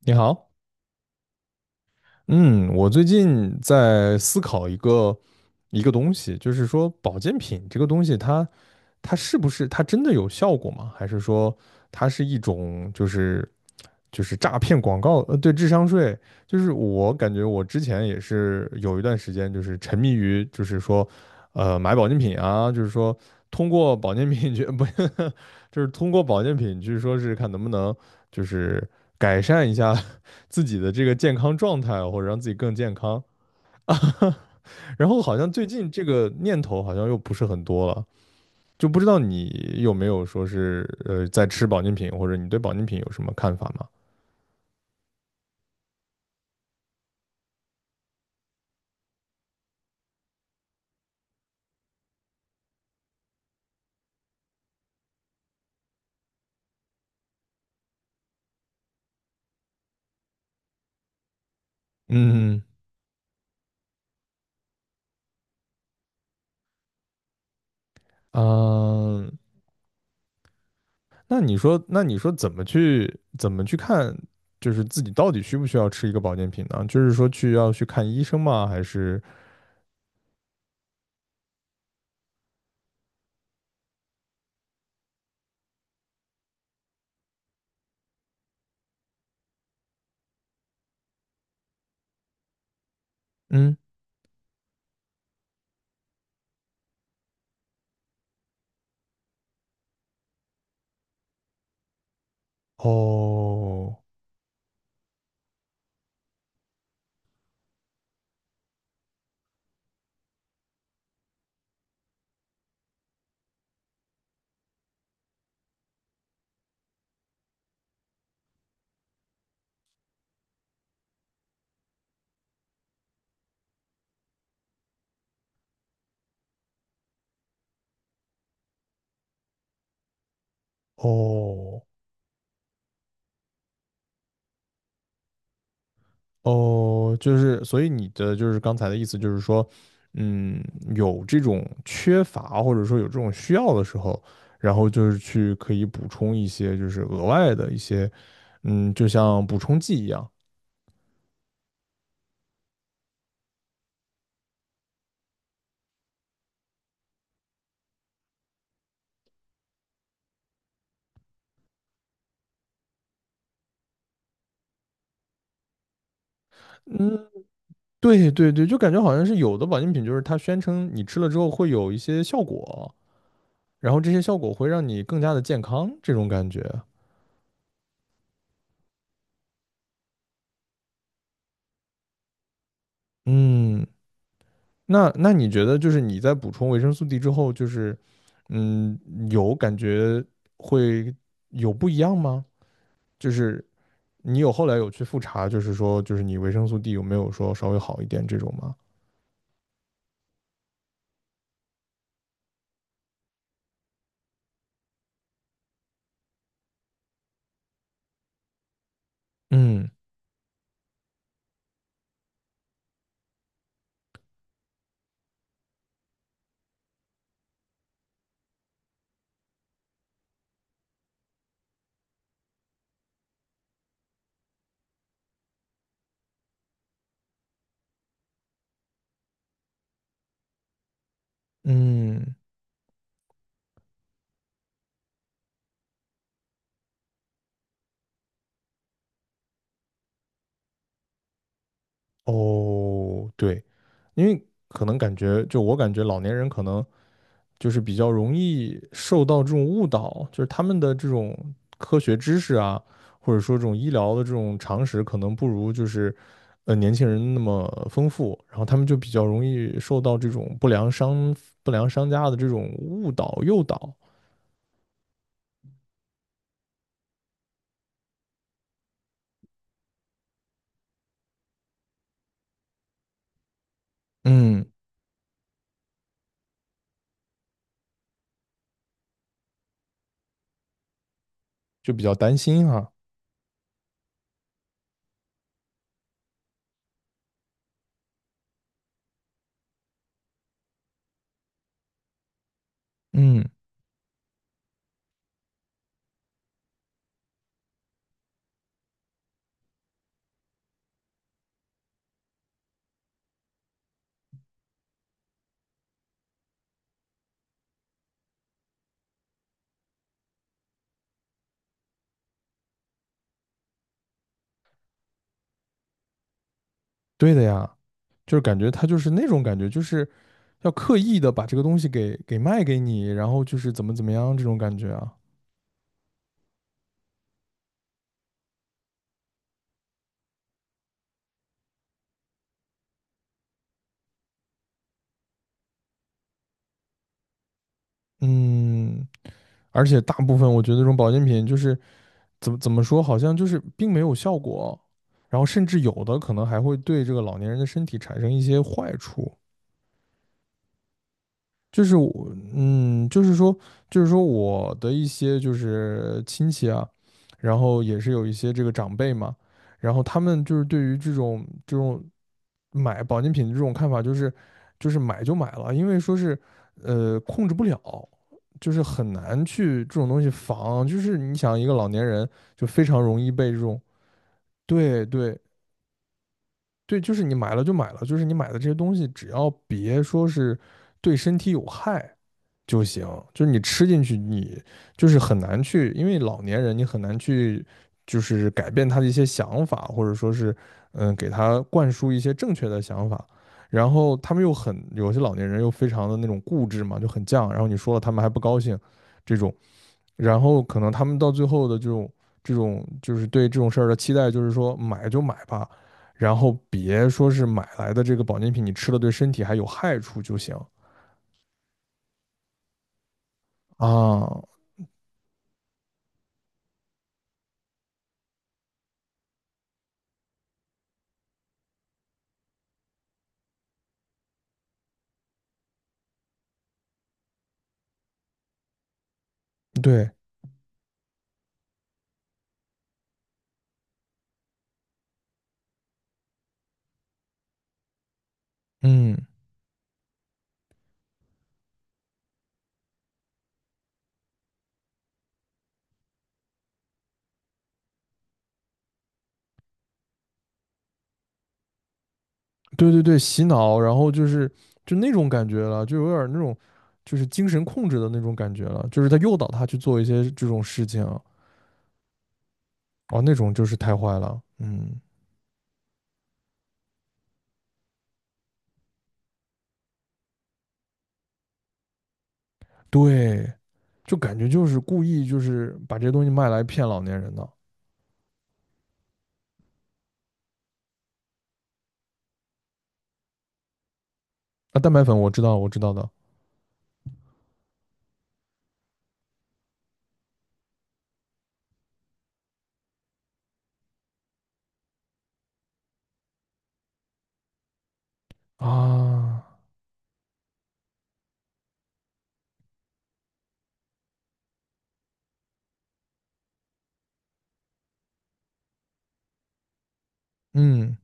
你好。嗯，我最近在思考一个东西，就是说保健品这个东西它是不是它真的有效果吗？还是说它是一种就是诈骗广告？对，智商税。就是我感觉我之前也是有一段时间就是沉迷于就是说，买保健品啊。就是说通过保健品去 不，就是通过保健品去说是看能不能就是改善一下自己的这个健康状态，或者让自己更健康 然后好像最近这个念头好像又不是很多了，就不知道你有没有说是在吃保健品，或者你对保健品有什么看法吗？嗯。啊。那你说，怎么去看，就是自己到底需不需要吃一个保健品呢？就是说去要去看医生吗？还是？嗯。哦哦。哦，就是，所以你的就是刚才的意思就是说，嗯，有这种缺乏或者说有这种需要的时候，然后就是去可以补充一些就是额外的一些，嗯，就像补充剂一样。嗯，对对对，就感觉好像是有的保健品就是它宣称你吃了之后会有一些效果，然后这些效果会让你更加的健康这种感觉。嗯。那你觉得就是你在补充维生素 D 之后，就是，嗯，有感觉会有不一样吗？就是你有后来有去复查，就是说就是你维生素 D 有没有说稍微好一点这种吗？嗯嗯。哦，对，因为可能感觉就我感觉老年人可能就是比较容易受到这种误导，就是他们的这种科学知识啊，或者说这种医疗的这种常识，可能不如就是年轻人那么丰富，然后他们就比较容易受到这种不良商家的这种误导诱导。嗯，就比较担心哈。嗯，对的呀，就是感觉他就是那种感觉，就是要刻意的把这个东西给卖给你，然后就是怎么怎么样这种感觉啊。嗯，而且大部分我觉得这种保健品就是怎么说，好像就是并没有效果，然后甚至有的可能还会对这个老年人的身体产生一些坏处。就是我，就是说，就是说我的一些就是亲戚啊，然后也是有一些这个长辈嘛，然后他们就是对于这种买保健品的这种看法，就是买就买了，因为说是控制不了，就是很难去这种东西防，就是你想一个老年人就非常容易被这种对对对，就是你买了就买了，就是你买的这些东西只要别说是对身体有害，就行，就是你吃进去，你就是很难去，因为老年人你很难去，就是改变他的一些想法，或者说是，嗯，给他灌输一些正确的想法。然后他们又很，有些老年人又非常的那种固执嘛，就很犟，然后你说了他们还不高兴，这种。然后可能他们到最后的这种就是对这种事儿的期待，就是说买就买吧，然后别说是买来的这个保健品你吃了对身体还有害处就行啊，对，嗯。对对对，洗脑，然后就是就那种感觉了，就有点儿那种就是精神控制的那种感觉了，就是他诱导他去做一些这种事情。哦，那种就是太坏了，嗯。对，就感觉就是故意就是把这些东西卖来骗老年人的。啊，蛋白粉我知道我知道的。啊，嗯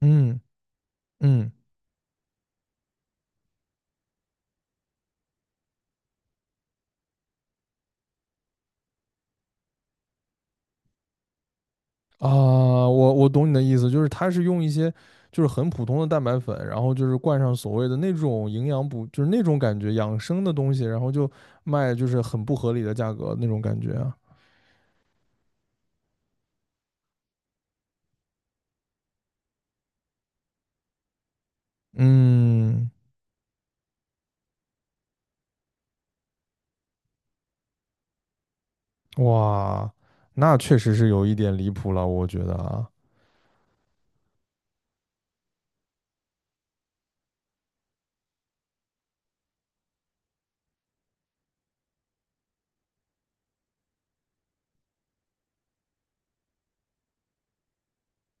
嗯嗯。啊，我懂你的意思，就是它是用一些就是很普通的蛋白粉，然后就是灌上所谓的那种营养补，就是那种感觉养生的东西，然后就卖就是很不合理的价格那种感觉啊。嗯，哇，那确实是有一点离谱了，我觉得啊。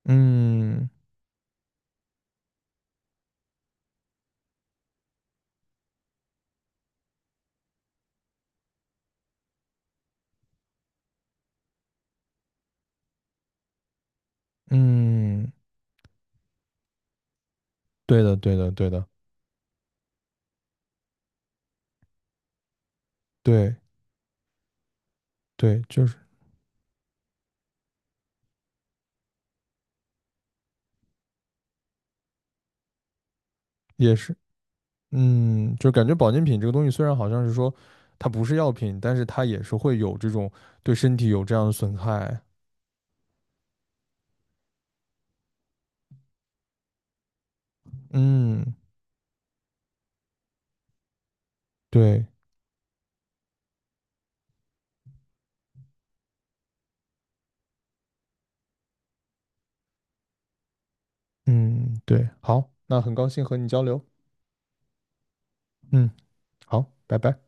嗯嗯，对的对的对的，对对，就是也是。嗯，就感觉保健品这个东西虽然好像是说它不是药品，但是它也是会有这种对身体有这样的损害。嗯，对。嗯，对，好，那很高兴和你交流。嗯，好，拜拜。